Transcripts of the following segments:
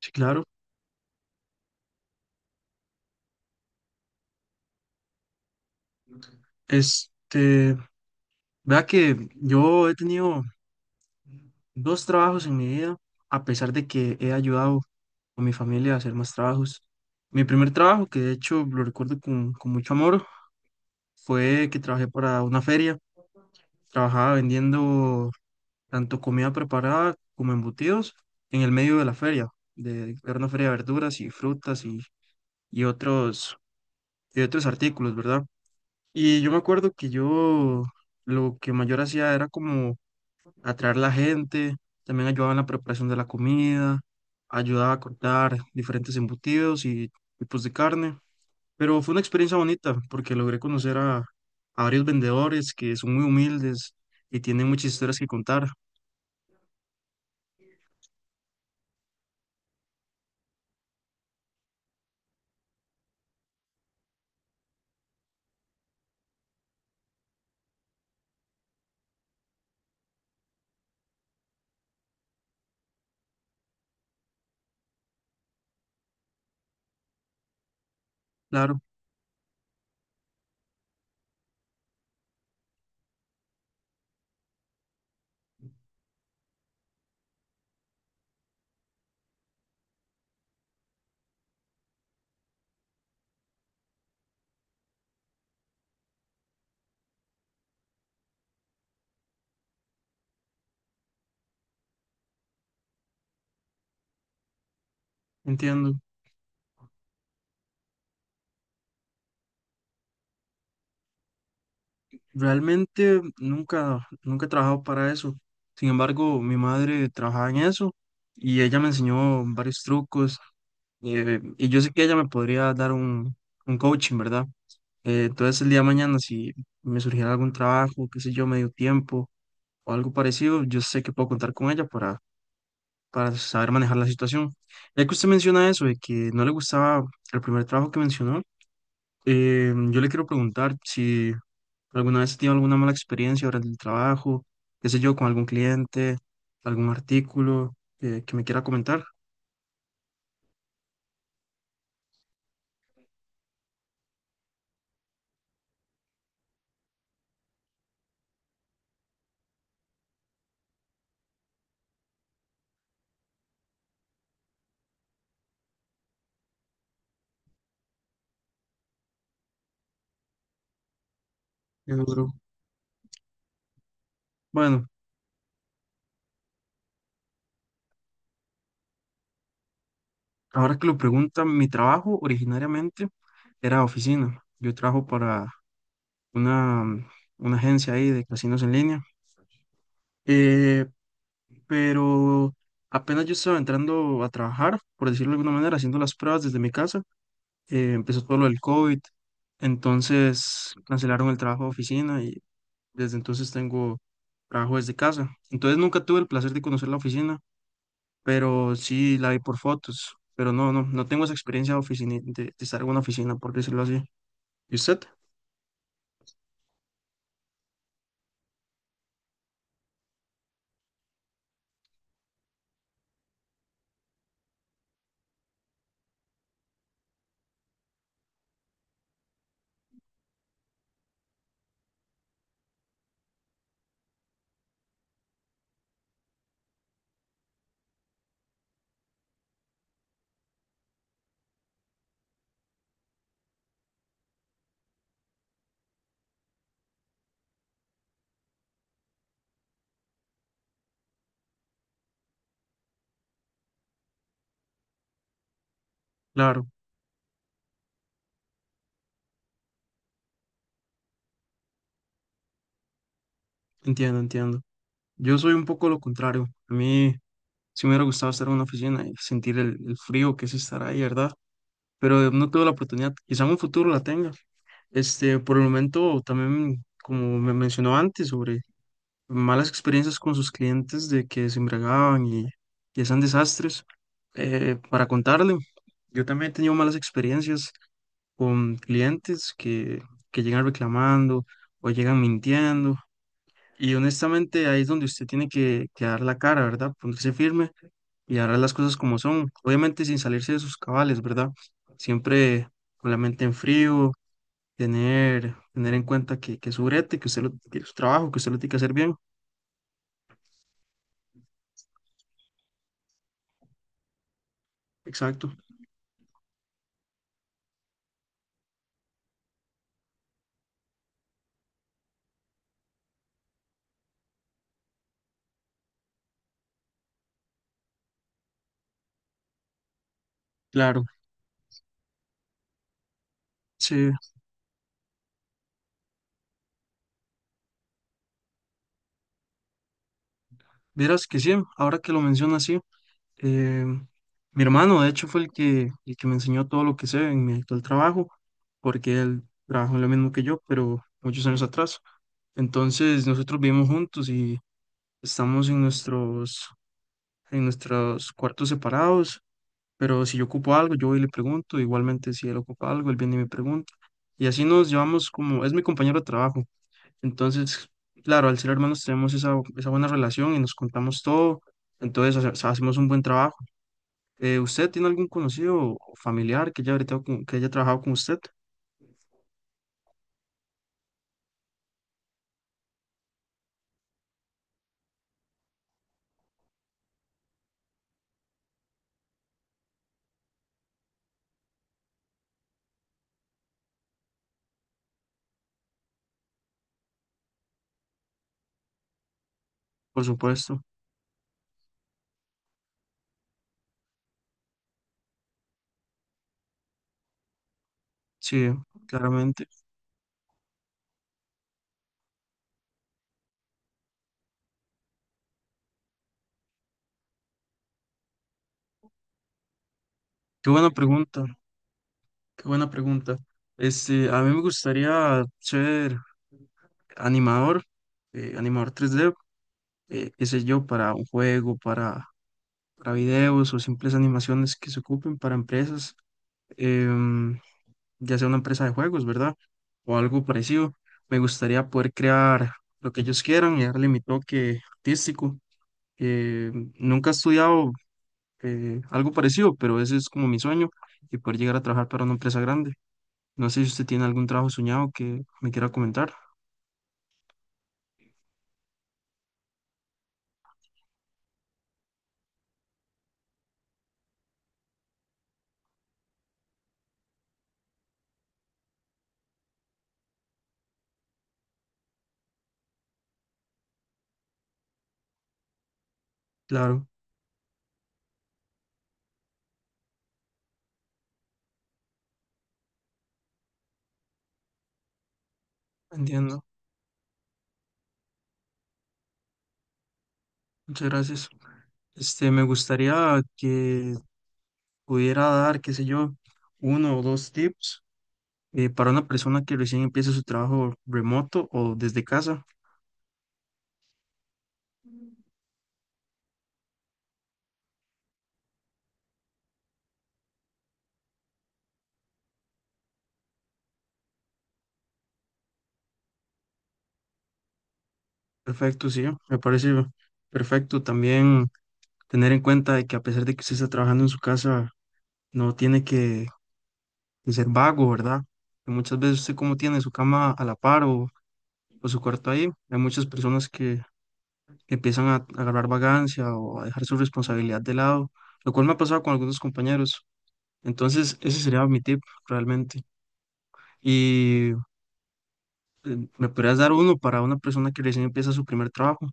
Sí, claro. Este, vea que yo he tenido dos trabajos en mi vida, a pesar de que he ayudado a mi familia a hacer más trabajos. Mi primer trabajo, que de hecho lo recuerdo con mucho amor, fue que trabajé para una feria. Trabajaba vendiendo tanto comida preparada como embutidos en el medio de la feria. Era una feria de verduras y frutas y otros, y otros artículos, ¿verdad? Y yo me acuerdo que yo lo que mayor hacía era como atraer la gente, también ayudaba en la preparación de la comida, ayudaba a cortar diferentes embutidos y tipos de carne, pero fue una experiencia bonita porque logré conocer a varios vendedores que son muy humildes y tienen muchas historias que contar, claro, entiendo. Realmente nunca, nunca he trabajado para eso. Sin embargo, mi madre trabajaba en eso y ella me enseñó varios trucos y yo sé que ella me podría dar un coaching, ¿verdad? Entonces el día de mañana, si me surgiera algún trabajo, qué sé yo, medio tiempo o algo parecido, yo sé que puedo contar con ella para saber manejar la situación. Ya que usted menciona eso, de que no le gustaba el primer trabajo que mencionó, yo le quiero preguntar si alguna vez tiene alguna mala experiencia durante el trabajo, qué sé yo, con algún cliente, algún artículo que me quiera comentar. Eh, bueno, ahora que lo preguntan, mi trabajo originariamente era oficina. Yo trabajo para una, mm, una agencia ahí de casinos en línea. Eh, pero apenas yo estaba entrando a trabajar, por decirlo de alguna manera, haciendo las pruebas desde mi casa, empezó todo lo del COVID, entonces cancelaron el trabajo de oficina y desde entonces tengo trabajo desde casa. Entonces nunca tuve el placer de conocer la oficina, pero sí la vi por fotos, pero no, no, no tengo esa experiencia oficina de estar en una oficina, por decirlo así. ¿Y usted? Claro, entiendo, entiendo. Yo soy un poco lo contrario. A mí, sí me hubiera gustado estar en una oficina y sentir el frío que es estar ahí, ¿verdad? Pero no tuve la oportunidad, quizá en un futuro la tenga. Este, por el momento, también, como me mencionó antes, sobre malas experiencias con sus clientes de que se embriagaban y hacían desastres. Para contarle, yo también he tenido malas experiencias con clientes que llegan reclamando o llegan mintiendo. Y honestamente ahí es donde usted tiene que dar la cara, ¿verdad? Ponerse firme y hará las cosas como son, obviamente sin salirse de sus cabales, ¿verdad? Siempre con la mente en frío, tener en cuenta que es su brete, que es su trabajo, que usted lo tiene que hacer bien. Exacto, claro. Sí, verás que sí, ahora que lo menciona así, eh, mi hermano de hecho fue el que me enseñó todo lo que sé en mi actual trabajo, porque él trabajó en lo mismo que yo, pero muchos años atrás. Entonces nosotros vivimos juntos y estamos en nuestros cuartos separados. Pero si yo ocupo algo, yo voy y le pregunto, igualmente si él ocupa algo, él viene y me pregunta. Y así nos llevamos como, es mi compañero de trabajo. Entonces, claro, al ser hermanos tenemos esa buena relación y nos contamos todo, entonces hacemos un buen trabajo. ¿Usted tiene algún conocido o familiar que haya, ahorita que haya trabajado con usted? Por supuesto, sí, claramente. Qué buena pregunta, qué buena pregunta. Este, a mí me gustaría ser animador, animador 3D qué sé yo, para un juego, para videos o simples animaciones que se ocupen para empresas, em, ya sea una empresa de juegos, ¿verdad? O algo parecido. Me gustaría poder crear lo que ellos quieran y darle mi toque artístico. Eh, Nunca he estudiado algo parecido, pero ese es como mi sueño y poder llegar a trabajar para una empresa grande. No sé si usted tiene algún trabajo soñado que me quiera comentar. Claro, entiendo. Muchas gracias. Este, me gustaría que pudiera dar, qué sé yo, uno o dos tips para una persona que recién empieza su trabajo remoto o desde casa. Perfecto, sí, me parece perfecto también tener en cuenta de que a pesar de que usted está trabajando en su casa, no tiene que ser vago, ¿verdad? Que muchas veces usted como tiene su cama a la par o su cuarto ahí, hay muchas personas que empiezan a agarrar vagancia o a dejar su responsabilidad de lado, lo cual me ha pasado con algunos compañeros. Entonces, ese sería mi tip realmente. Y me podrías dar uno para una persona que recién empieza su primer trabajo.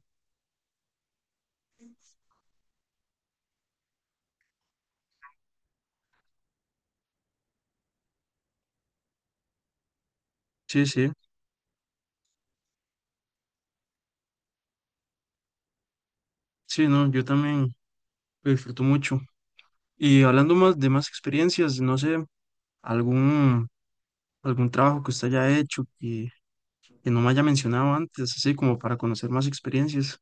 Sí, sí, sí, no, yo también lo disfruto mucho. Y hablando más de más experiencias, no sé, algún, algún trabajo que usted haya hecho y que no me haya mencionado antes, así como para conocer más experiencias.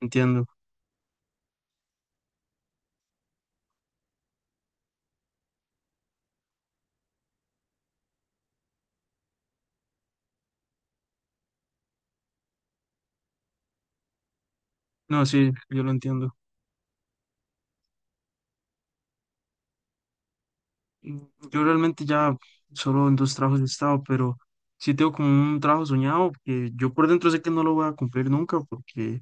Entiendo. No, sí, yo lo entiendo. Mm, Yo realmente ya solo en dos trabajos he estado, pero sí tengo como un trabajo soñado que yo por dentro sé que no lo voy a cumplir nunca porque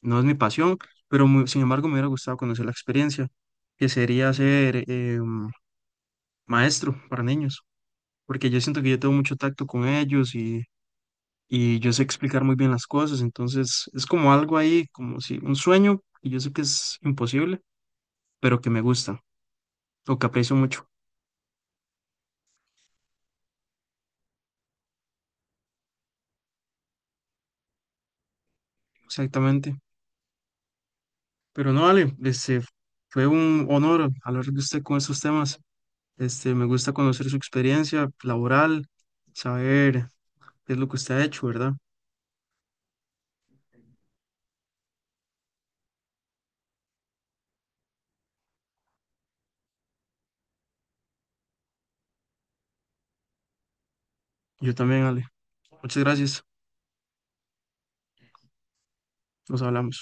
No es mi pasión, pero sin embargo me hubiera gustado conocer la experiencia, que sería ser maestro para niños, porque yo siento que yo tengo mucho tacto con ellos y yo sé explicar muy bien las cosas, entonces es como algo ahí, como si un sueño, y yo sé que es imposible, pero que me gusta, o que aprecio mucho, exactamente. Pero no, Ale, este, fue un honor hablar de usted con estos temas, este, me gusta conocer su experiencia laboral, saber qué es lo que usted ha hecho, ¿verdad? Yo también, Ale. Muchas gracias. Nos hablamos.